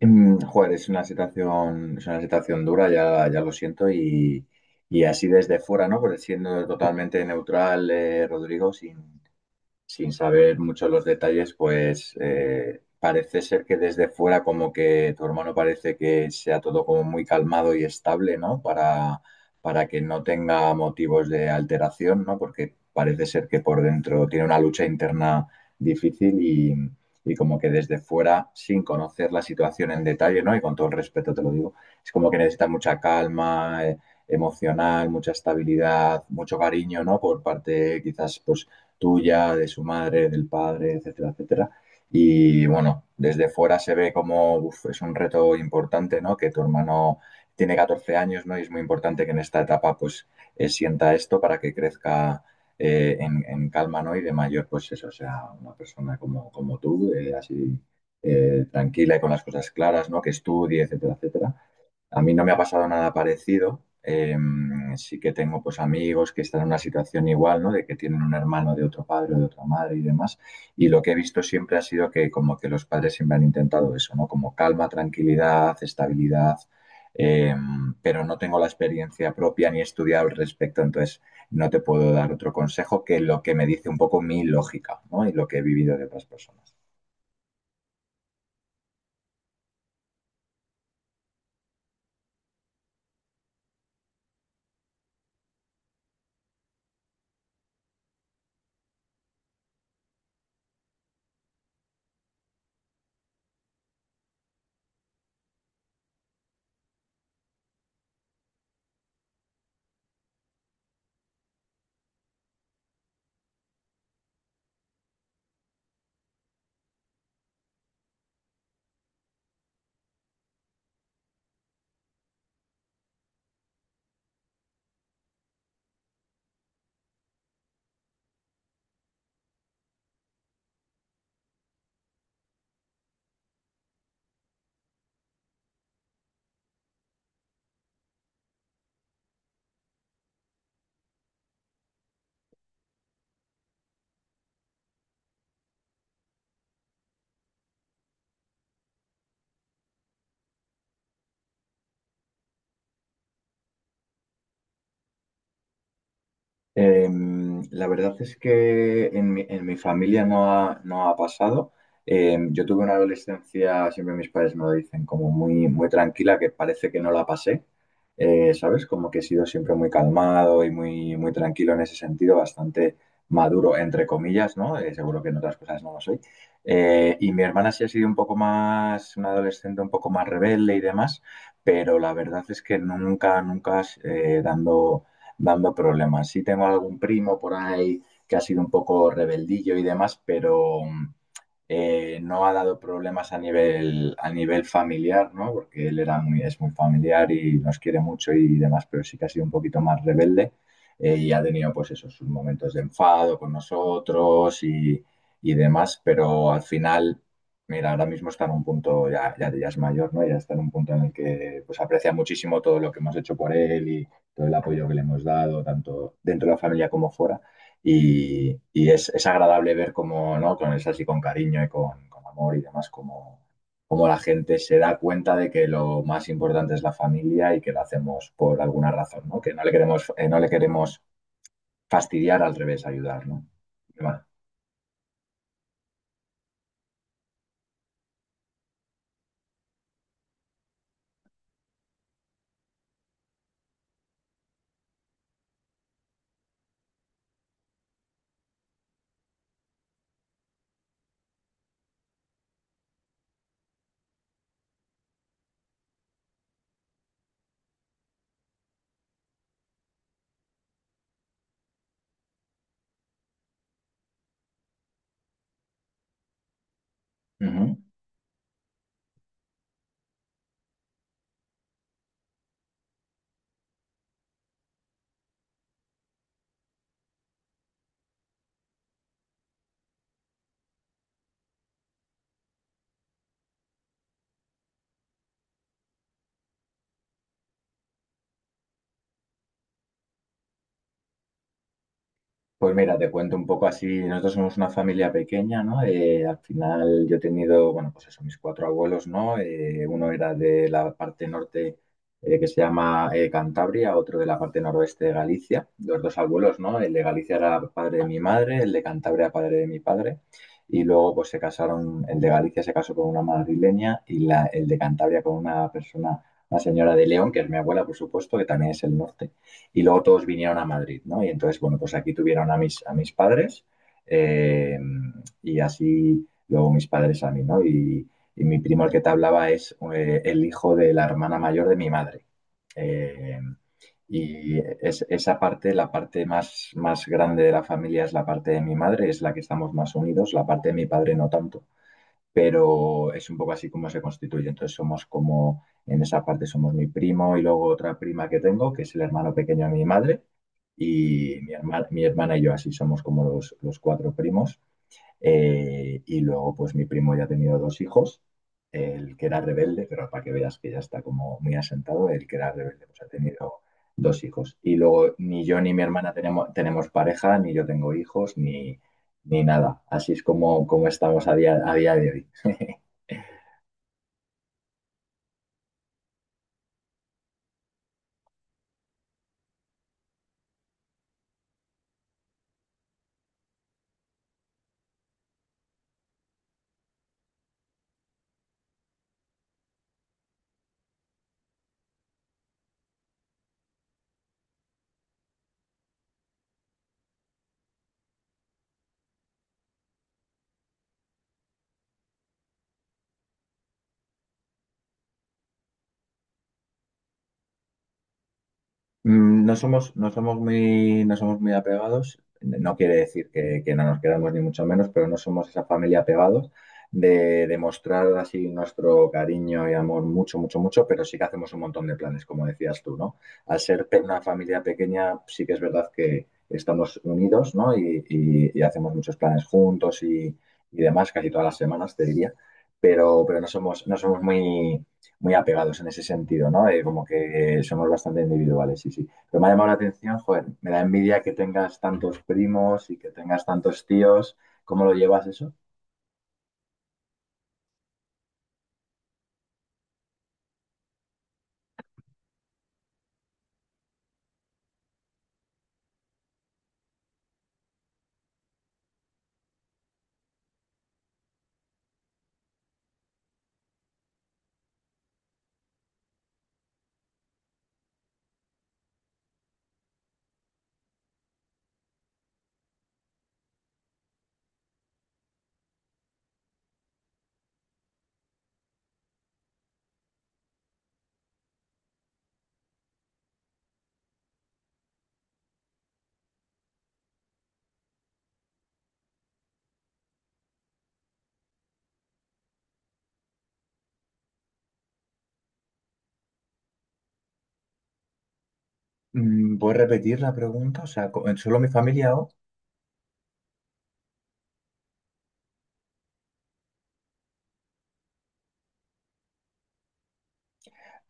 Joder, es una situación dura, ya lo siento, y así desde fuera, ¿no? Pues siendo totalmente neutral, Rodrigo, sin saber mucho los detalles, pues parece ser que desde fuera como que tu hermano parece que sea todo como muy calmado y estable, ¿no? Para que no tenga motivos de alteración, ¿no? Porque parece ser que por dentro tiene una lucha interna difícil y como que desde fuera, sin conocer la situación en detalle, ¿no? Y con todo el respeto te lo digo, es como que necesita mucha calma emocional, mucha estabilidad, mucho cariño, ¿no? Por parte quizás pues tuya, de su madre, del padre, etcétera, etcétera. Y bueno, desde fuera se ve como uf, es un reto importante, ¿no? Que tu hermano tiene 14 años, ¿no? Y es muy importante que en esta etapa, pues, sienta esto para que crezca en calma, ¿no? Y de mayor, pues eso, sea una persona como, como tú, así tranquila y con las cosas claras, ¿no? Que estudie, etcétera, etcétera. A mí no me ha pasado nada parecido. Eh, sí que tengo pues amigos que están en una situación igual, ¿no? De que tienen un hermano de otro padre o de otra madre y demás. Y lo que he visto siempre ha sido que como que los padres siempre han intentado eso, ¿no? Como calma, tranquilidad, estabilidad. eh, pero no tengo la experiencia propia ni he estudiado al respecto, entonces no te puedo dar otro consejo que lo que me dice un poco mi lógica, ¿no? Y lo que he vivido de otras personas. La verdad es que en mi familia no ha pasado. Yo tuve una adolescencia, siempre mis padres me lo dicen, como muy tranquila, que parece que no la pasé. ¿Sabes? Como que he sido siempre muy calmado y muy tranquilo en ese sentido, bastante maduro, entre comillas, ¿no? Seguro que en otras cosas no lo soy. Y mi hermana sí ha sido un poco más, una adolescente un poco más rebelde y demás, pero la verdad es que nunca dando problemas. Sí tengo algún primo por ahí que ha sido un poco rebeldillo y demás, pero, no ha dado problemas a nivel familiar, ¿no? Porque él era muy, es muy familiar y nos quiere mucho y demás, pero sí que ha sido un poquito más rebelde y ha tenido pues esos sus momentos de enfado con nosotros y demás, pero al final, mira, ahora mismo está en un punto, ya es mayor, ¿no? Ya está en un punto en el que pues aprecia muchísimo todo lo que hemos hecho por él y todo el apoyo que le hemos dado, tanto dentro de la familia como fuera. Es agradable ver cómo, ¿no? Con eso así, con cariño y con amor y demás, cómo la gente se da cuenta de que lo más importante es la familia y que lo hacemos por alguna razón, ¿no? Que no le queremos, no le queremos fastidiar, al revés, ayudar, ¿no? Vale. Ujú. Pues mira, te cuento un poco así, nosotros somos una familia pequeña, ¿no? Al final yo he tenido, bueno, pues eso, mis cuatro abuelos, ¿no? Uno era de la parte norte que se llama Cantabria, otro de la parte noroeste de Galicia, los dos abuelos, ¿no? El de Galicia era padre de mi madre, el de Cantabria padre de mi padre, y luego pues se casaron, el de Galicia se casó con una madrileña y el de Cantabria con una persona, una señora de León, que es mi abuela, por supuesto, que también es el norte y luego todos vinieron a Madrid, ¿no? Y entonces, bueno, pues aquí tuvieron a mis padres eh, y así luego mis padres a mí, ¿no? Y mi primo el que te hablaba es el hijo de la hermana mayor de mi madre. Eh, y es, esa parte, la parte más grande de la familia es la parte de mi madre, es la que estamos más unidos, la parte de mi padre no tanto pero es un poco así como se constituye. Entonces somos como, en esa parte somos mi primo y luego otra prima que tengo, que es el hermano pequeño de mi madre, y mi hermana y yo así somos como los cuatro primos. Y luego pues mi primo ya ha tenido dos hijos, el que era rebelde, pero para que veas que ya está como muy asentado, el que era rebelde pues ha tenido dos hijos. Y luego ni yo ni mi hermana tenemos, tenemos pareja, ni yo tengo hijos, ni nada. Así es como, como estamos a día de hoy. No somos, no somos muy apegados. No quiere decir que no nos quedamos ni mucho menos, pero no somos esa familia apegados de demostrar así nuestro cariño y amor mucho, pero sí que hacemos un montón de planes, como decías tú, ¿no? Al ser pe- una familia pequeña, sí que es verdad que estamos unidos, ¿no? Y hacemos muchos planes juntos y demás, casi todas las semanas, te diría. Pero no somos, no somos muy muy apegados en ese sentido, ¿no? Como que somos bastante individuales, sí. Pero me ha llamado la atención, joder, me da envidia que tengas tantos primos y que tengas tantos tíos. ¿Cómo lo llevas eso? ¿Puedes repetir la pregunta? O sea, co- ¿solo mi familia o...?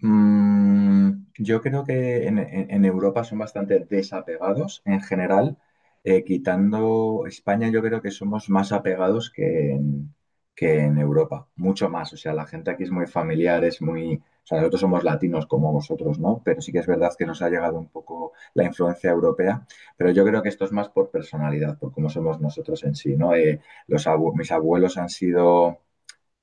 Yo creo que en Europa son bastante desapegados en general. Quitando España, yo creo que somos más apegados que en Europa, mucho más. O sea, la gente aquí es muy familiar, es muy... O sea, nosotros somos latinos como vosotros, ¿no? Pero sí que es verdad que nos ha llegado un poco la influencia europea, pero yo creo que esto es más por personalidad, por cómo somos nosotros en sí, ¿no? Mis abuelos han sido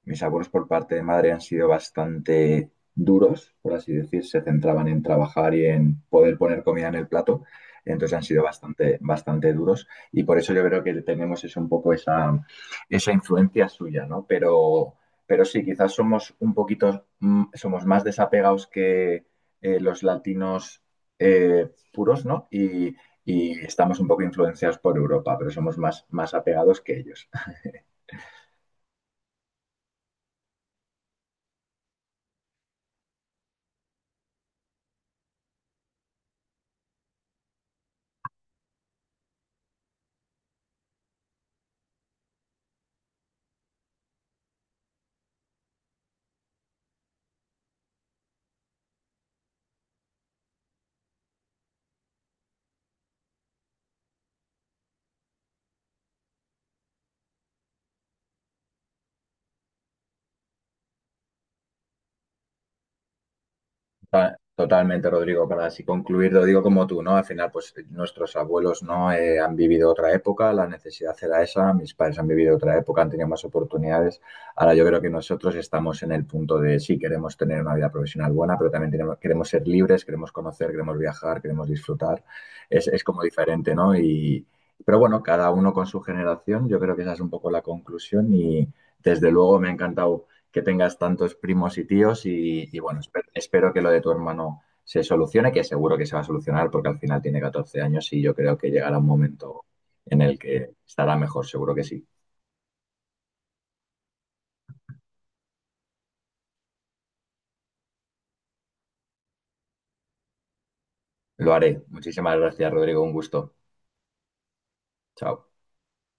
mis abuelos por parte de madre han sido bastante duros, por así decir, se centraban en trabajar y en poder poner comida en el plato, entonces han sido bastante duros y por eso yo creo que tenemos es un poco esa, esa influencia suya, ¿no? Pero sí, quizás somos un poquito, somos más desapegados que los latinos puros, ¿no? Y estamos un poco influenciados por Europa, pero somos más, más apegados que ellos. Totalmente, Rodrigo, para así concluir, lo digo como tú, ¿no? Al final, pues nuestros abuelos no han vivido otra época, la necesidad era esa, mis padres han vivido otra época, han tenido más oportunidades. Ahora yo creo que nosotros estamos en el punto de sí, queremos tener una vida profesional buena, pero también tenemos- queremos ser libres, queremos conocer, queremos viajar, queremos disfrutar. Es como diferente, ¿no? Y, pero bueno, cada uno con su generación, yo creo que esa es un poco la conclusión y desde luego me ha encantado que tengas tantos primos y tíos y bueno, espero que lo de tu hermano se solucione, que seguro que se va a solucionar porque al final tiene 14 años y yo creo que llegará un momento en el que estará mejor, seguro que sí. Lo haré. Muchísimas gracias, Rodrigo. Un gusto. Chao.